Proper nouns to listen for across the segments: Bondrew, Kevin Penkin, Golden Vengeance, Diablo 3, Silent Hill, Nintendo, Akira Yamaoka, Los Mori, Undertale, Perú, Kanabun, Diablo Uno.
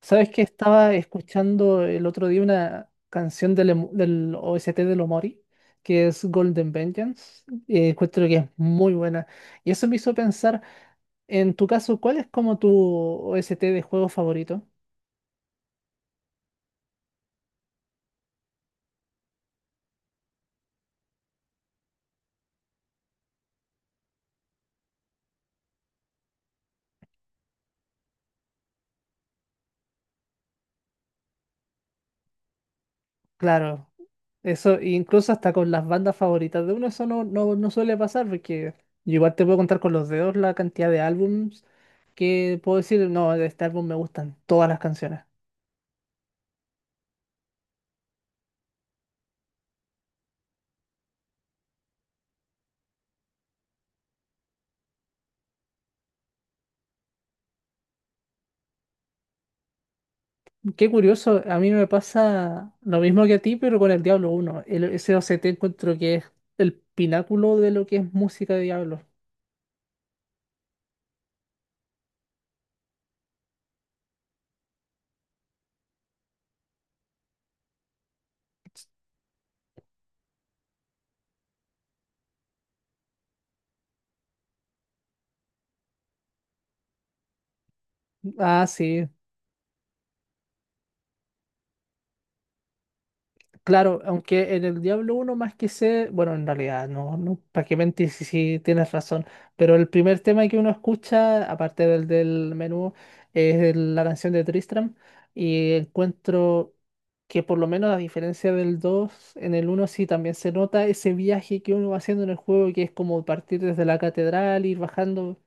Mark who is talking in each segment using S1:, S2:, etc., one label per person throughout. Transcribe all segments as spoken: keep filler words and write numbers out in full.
S1: ¿Sabes que estaba escuchando el otro día una canción del, emo- del O S T de Los Mori, que es Golden Vengeance. Eh, encuentro que es muy buena. Y eso me hizo pensar, en tu caso, ¿cuál es como tu O S T de juego favorito? Claro, eso incluso hasta con las bandas favoritas de uno, eso no, no, no suele pasar, porque yo igual te puedo contar con los dedos la cantidad de álbums que puedo decir, no, de este álbum me gustan todas las canciones. Qué curioso, a mí me pasa lo mismo que a ti, pero con el Diablo Uno. El, ese O C T encuentro que es el pináculo de lo que es música de Diablo. Ah, sí. Claro, aunque en el Diablo uno más que sé, bueno, en realidad no, no, para qué mentir si, si tienes razón, pero el primer tema que uno escucha, aparte del del menú, es el- la canción de Tristram, y encuentro que por lo menos a diferencia del dos, en el uno sí también se nota ese viaje que uno va haciendo en el juego, que es como partir desde la catedral, ir bajando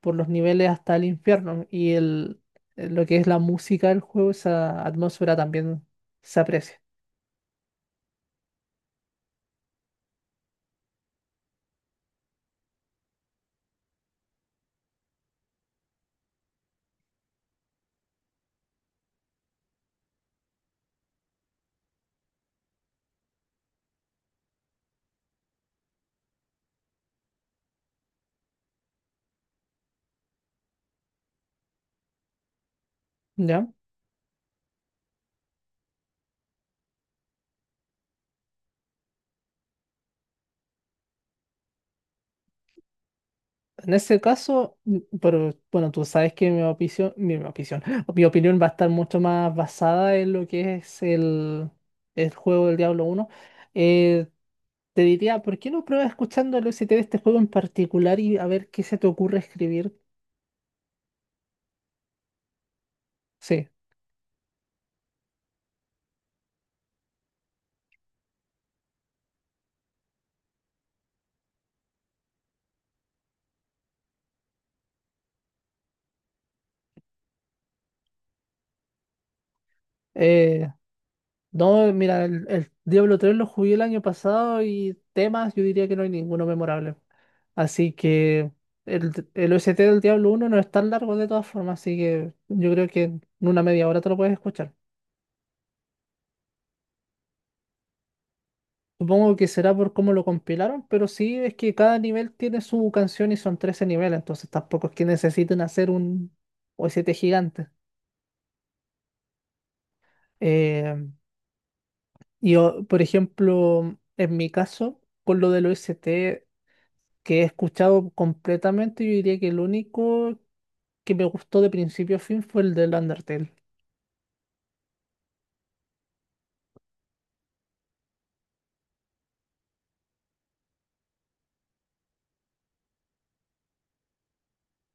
S1: por los niveles hasta el infierno, y el, lo que es la música del juego, esa atmósfera también se aprecia. ¿Ya? En ese caso, mm, pero bueno, tú sabes que mi opinión, mi, mi opinión, mi opinión va a estar mucho más basada en lo que es el, el juego del Diablo uno. Eh, Te diría, ¿por qué no pruebas escuchando el O S T de este juego en particular y a ver qué se te ocurre escribir? Sí. eh, No, mira, el, el Diablo tres lo jugué el año pasado, y temas, yo diría que no hay ninguno memorable. Así que el, el O S T del Diablo uno no es tan largo de todas formas, así que yo creo que en una media hora te lo puedes escuchar. Supongo que será por cómo lo compilaron, pero sí es que cada nivel tiene su canción y son trece niveles, entonces tampoco es que necesiten hacer un O S T gigante. Eh, y o- por ejemplo, en mi caso, con lo del O S T que he escuchado completamente, yo diría que el único que me gustó de principio a fin fue el del Undertale.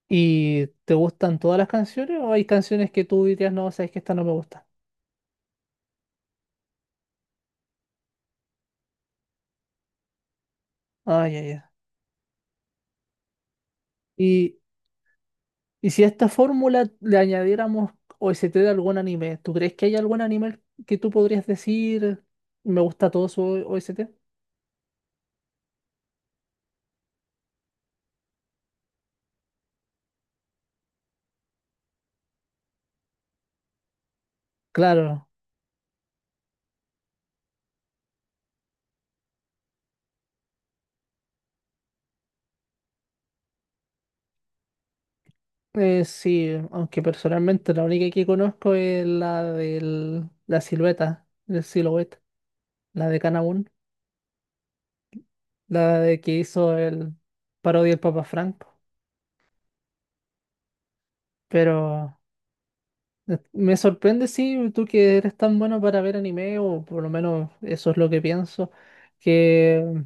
S1: ¿Y te gustan todas las canciones o hay canciones que tú dirías, no, sabes que esta no me gusta? Ah, ya, ya. Y, y si a esta fórmula le añadiéramos o s t de algún anime, ¿tú crees que hay algún anime que tú podrías decir, me gusta todo su o s t? Claro, eh, sí, aunque personalmente la única que conozco es la de la silueta, el silhouette, la de Kanabun, la de que hizo el parodia del Papa Franco. Pero eh, me sorprende, sí, tú que eres tan bueno para ver anime, o por lo menos eso es lo que pienso, que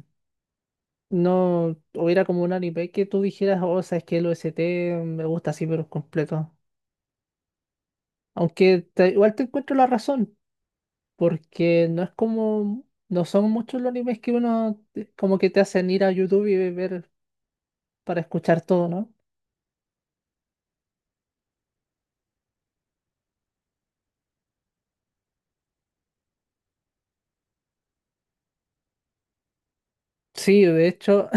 S1: no hubiera como un anime que tú dijeras, oh, sabes que el O S T me gusta así, pero completo. Aunque te- igual te encuentro la razón, porque no es como, no son muchos los animes que uno, eh, como que te hacen ir a YouTube y ver para escuchar todo, ¿no? Sí, de hecho,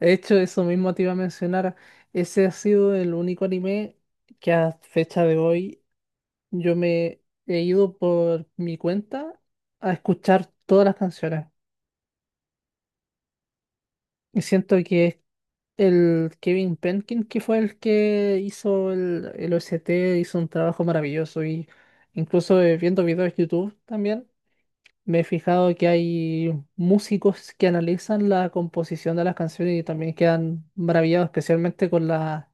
S1: De hecho, eso mismo te iba a mencionar. Ese ha sido el único anime que a fecha de hoy yo me he ido por mi cuenta a escuchar todas las canciones. Y siento que es el Kevin Penkin, que fue el que hizo el, el O S T, hizo un trabajo maravilloso. Y incluso, eh, viendo videos de YouTube también, me he fijado que hay músicos que analizan la composición de las canciones y también quedan maravillados, especialmente con la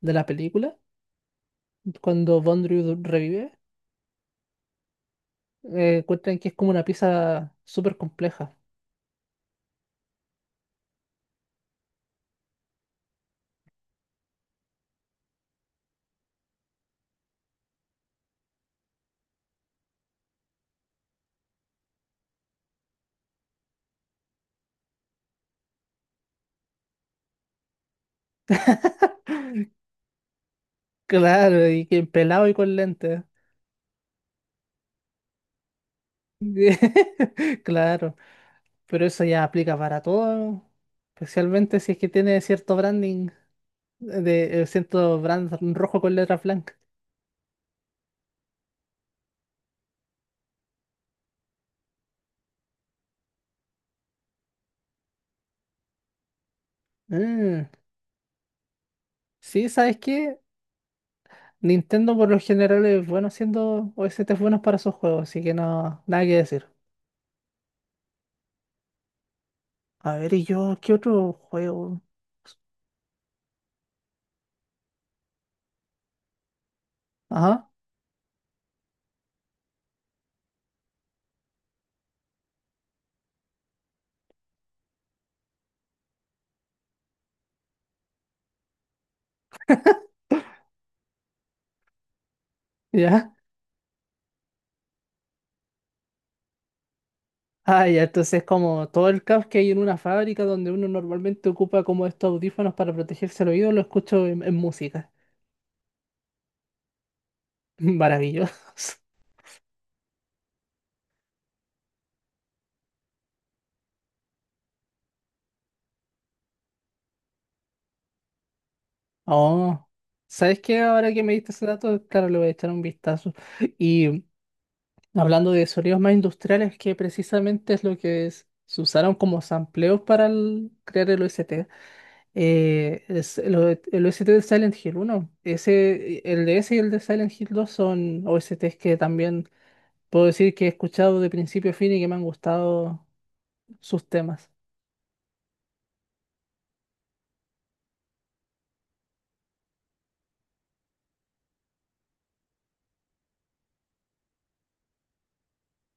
S1: de la película cuando Bondrew revive. Eh, cuentan que es como una pieza súper compleja. Claro, y que pelado y con lentes. Claro, pero eso ya aplica para todo, especialmente si es que tiene cierto branding, eh, de, eh, cierto brand rojo con letras blancas. Mm, sí, ¿sabes qué? Nintendo por lo general es bueno haciendo O S Ts buenos para sus juegos, así que no, nada que decir. A ver, ¿y yo qué otro juego? Ajá, ya. Ah, ya, entonces como todo el caos que hay en una fábrica donde uno normalmente ocupa como estos audífonos para protegerse el oído, lo escucho en, en música. Maravilloso. Oh, ¿sabes qué? Ahora que me diste ese dato, claro, le voy a echar un vistazo. Y hablando de sonidos más industriales, que precisamente es lo que es- se usaron como sampleos para el- crear el O S T. Eh, es el, O- el O S T de Silent Hill uno. Ese, el de ese y el de Silent Hill dos son O S Ts que también puedo decir que he escuchado de principio a fin y que me han gustado sus temas.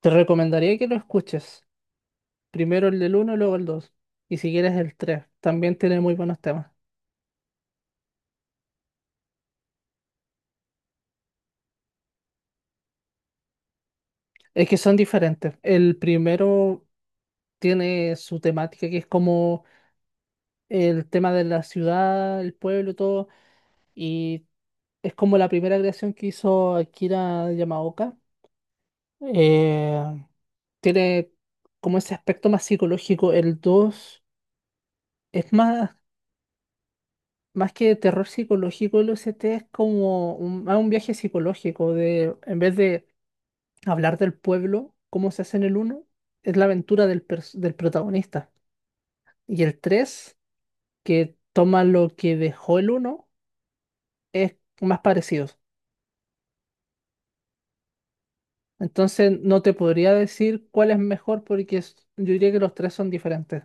S1: Te recomendaría que lo escuches. Primero el del uno y luego el dos. Y si quieres, el tres también tiene muy buenos temas. Es que son diferentes. El primero tiene su temática, que es como el tema de la ciudad, el pueblo, y todo. Y es como la primera creación que hizo Akira Yamaoka. Eh, Tiene como ese aspecto más psicológico. El dos es más. más que terror psicológico, el O S T es como un, más un viaje psicológico de, en vez de hablar del pueblo, cómo se hace en el uno, es la aventura del, pers- del protagonista. Y el tres que toma lo que dejó el uno es más parecido. Entonces no te podría decir cuál es mejor porque es- yo diría que los tres son diferentes.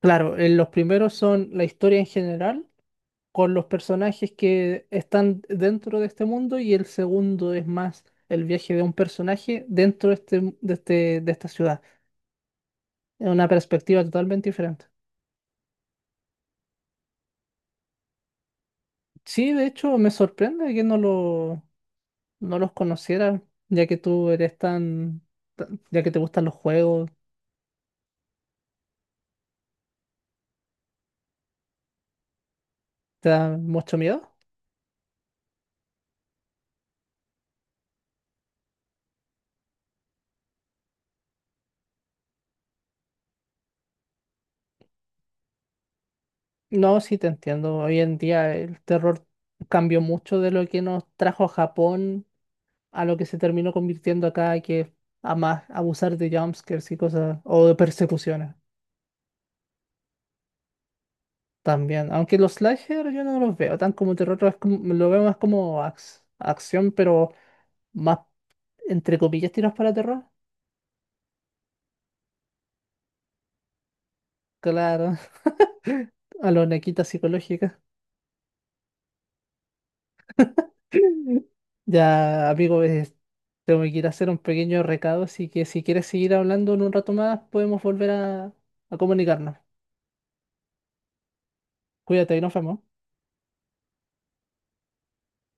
S1: Claro, eh, los primeros son la historia en general con los personajes que están dentro de este mundo, y el segundo es más el viaje de un personaje dentro de, este, de, este- de esta ciudad. Es una perspectiva totalmente diferente. Sí, de hecho, me sorprende que no, lo, no los conociera, ya que tú eres tan, tan- ya que te gustan los juegos, ¿te da mucho miedo? No, sí te entiendo. Hoy en día el terror cambió mucho de lo que nos trajo a Japón a lo que se terminó convirtiendo acá, que es a más abusar de jumpscares y cosas, o de persecuciones también. Aunque los slasher yo no los veo tan como terror, es como- lo veo más como ax- acción, pero más entre comillas tiros para terror. Claro, a lo nequita psicológica. Ya, amigo, eh, tengo que ir a hacer un pequeño recado, así que si quieres seguir hablando en un rato más, podemos volver a, a comunicarnos. Cuídate y nos vemos.